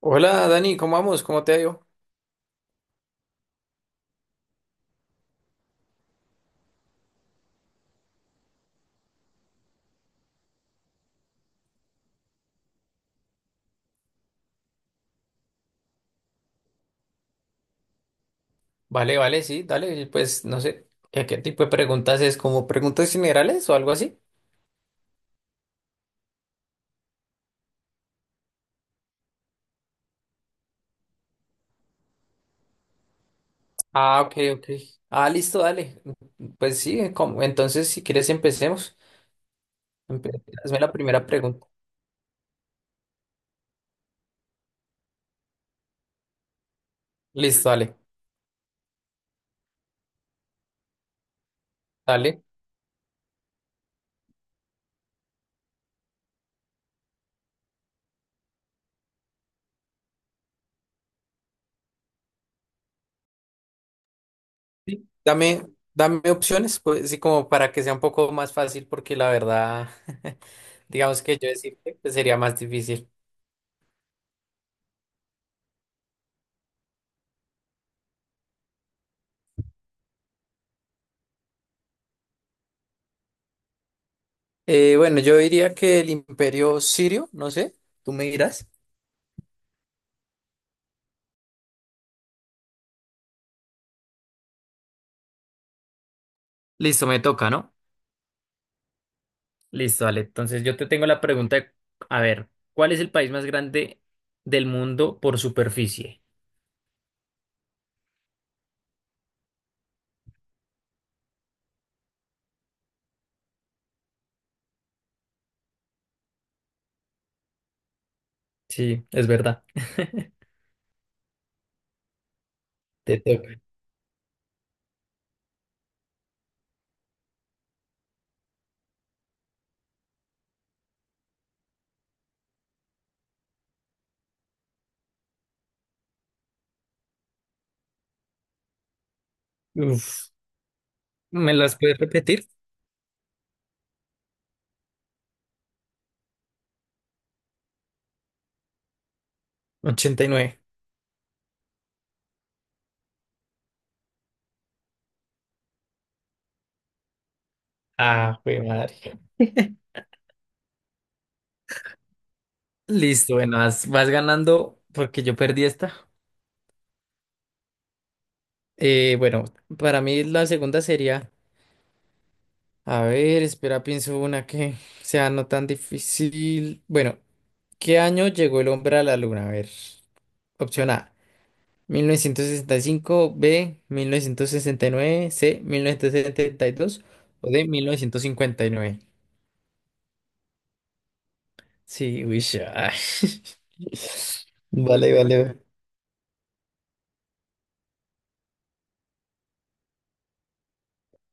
Hola Dani, ¿cómo vamos? ¿Cómo te ha ido? Vale, vale, sí, dale, pues no sé, ¿qué tipo de preguntas es? ¿Como preguntas generales o algo así? Ah, ok, ok. Ah, listo, dale. Pues sí, entonces si quieres empecemos. Hazme la primera pregunta. Listo, dale, dale. Sí, Dame, dame opciones, pues sí, como para que sea un poco más fácil, porque la verdad, digamos que yo decirte que sería más difícil. Bueno, yo diría que el imperio sirio, no sé, tú me dirás. Listo, me toca, ¿no? Listo, Ale. Entonces yo te tengo la pregunta, a ver, ¿cuál es el país más grande del mundo por superficie? Sí, es verdad. Te toca. Uf, ¿me las puedes repetir? 89. Ah, güey, madre. Listo, bueno, vas ganando porque yo perdí esta. Bueno, para mí la segunda sería, a ver, espera, pienso una que sea no tan difícil. Bueno, ¿qué año llegó el hombre a la luna? A ver, opción A, 1965; B, 1969; C, 1972; o D, 1959. Sí, uy, ya. Vale, vale.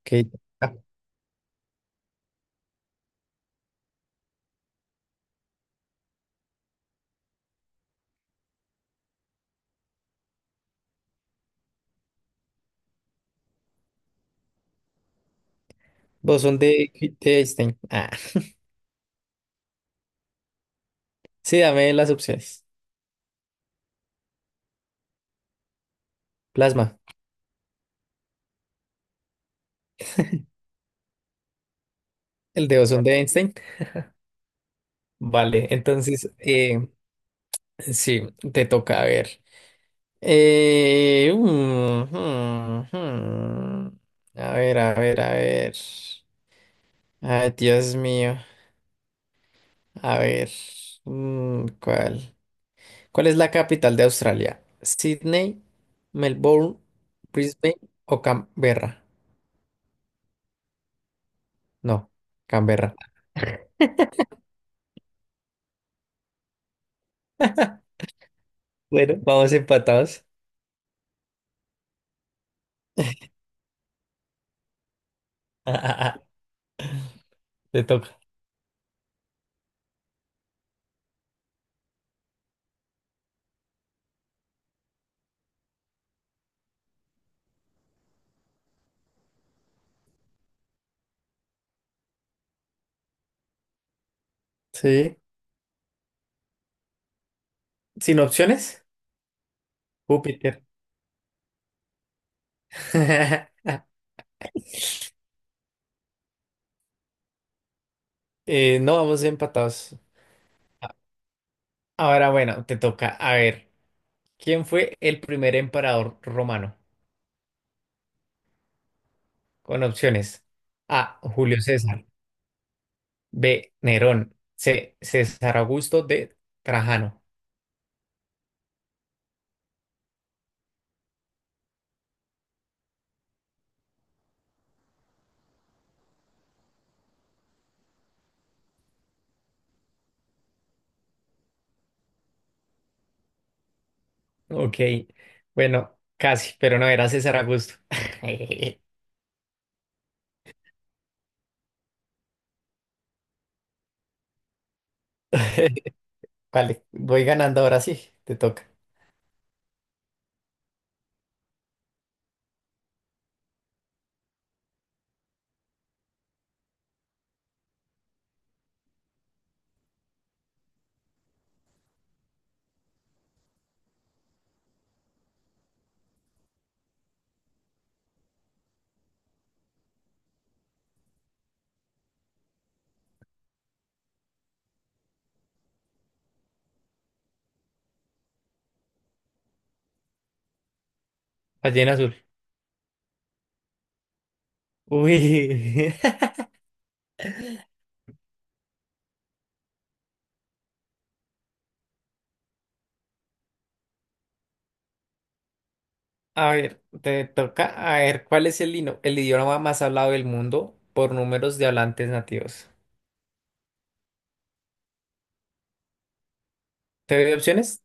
Ok. Ah, Bosón de Einstein. Ah. Sí, dame las opciones. Plasma. El de bosón de Einstein. Vale, entonces, sí, te toca a ver. Eh, mm, mm, mm. A ver, a ver, a ver. Ay, Dios mío. A ver, ¿cuál? ¿Cuál es la capital de Australia? ¿Sydney, Melbourne, Brisbane o Canberra? No, Canberra. Bueno, vamos empatados. Te toca. Sí. ¿Sin opciones? Júpiter. No, vamos empatados. Ahora, bueno, te toca. A ver, ¿quién fue el primer emperador romano? Con opciones. A, Julio César. B, Nerón. C, César Augusto. D, Trajano. Ok, bueno, casi, pero no era César Augusto. Vale, voy ganando ahora sí, te toca. Ballena azul. Uy, a ver, te toca. A ver, ¿cuál es el idioma más hablado del mundo por números de hablantes nativos? ¿Te doy opciones?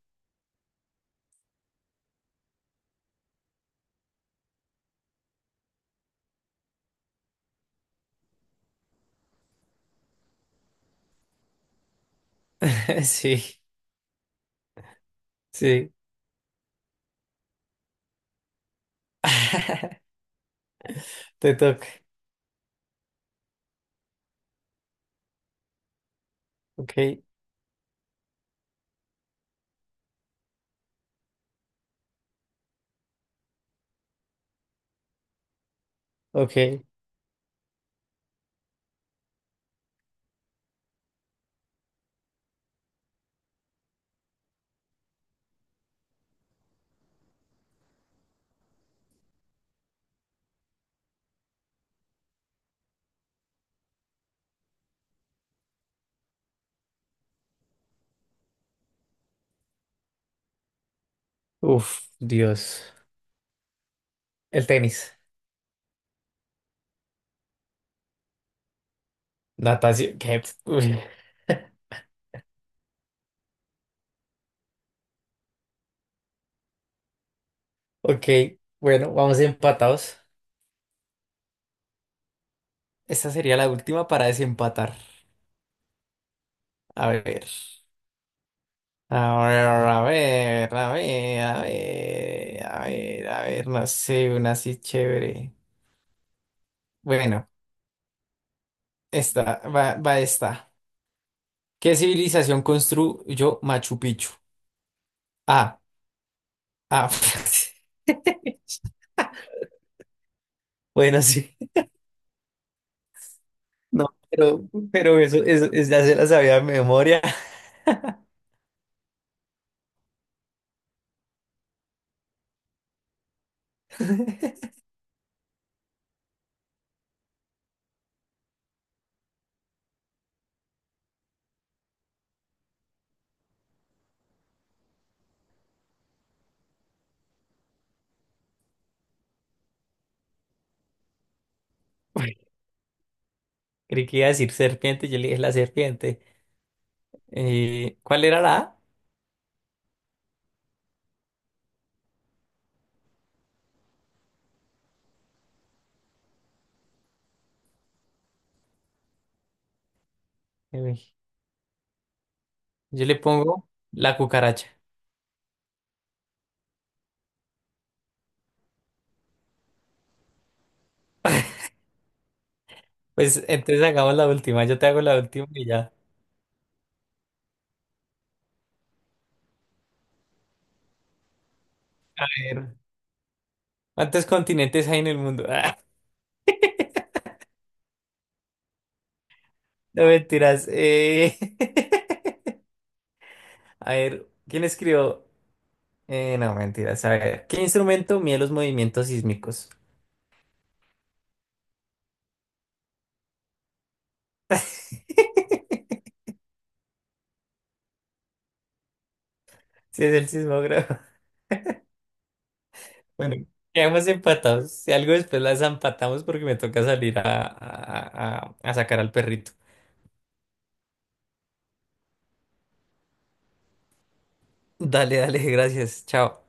Sí, sí. Te toca. Ok, ok. Uf, Dios. El tenis. Natación. ¿Qué? Uy. Ok, bueno, vamos empatados. Esta sería la última para desempatar. A ver, a ver, a ver, a ver, a ver, a ver, a ver, no sé, una así chévere. Bueno, esta, va esta. ¿Qué civilización construyó Machu Picchu? Ah, ah. Bueno, sí. No, pero eso, eso, eso ya se la sabía de memoria. Creí que iba a decir serpiente, yo le dije la serpiente. ¿Cuál era la A? Uy. Yo le pongo la cucaracha. Pues entonces hagamos la última. Yo te hago la última y ya. A ver. ¿Cuántos continentes hay en el mundo? Ah, no mentiras. A ver, ¿quién escribió? No, mentiras. A ver, ¿qué instrumento mide los movimientos sísmicos? Si es el sismógrafo. Bueno, quedamos empatados. Si algo después las empatamos porque me toca salir a sacar al perrito. Dale, dale, gracias. Chao.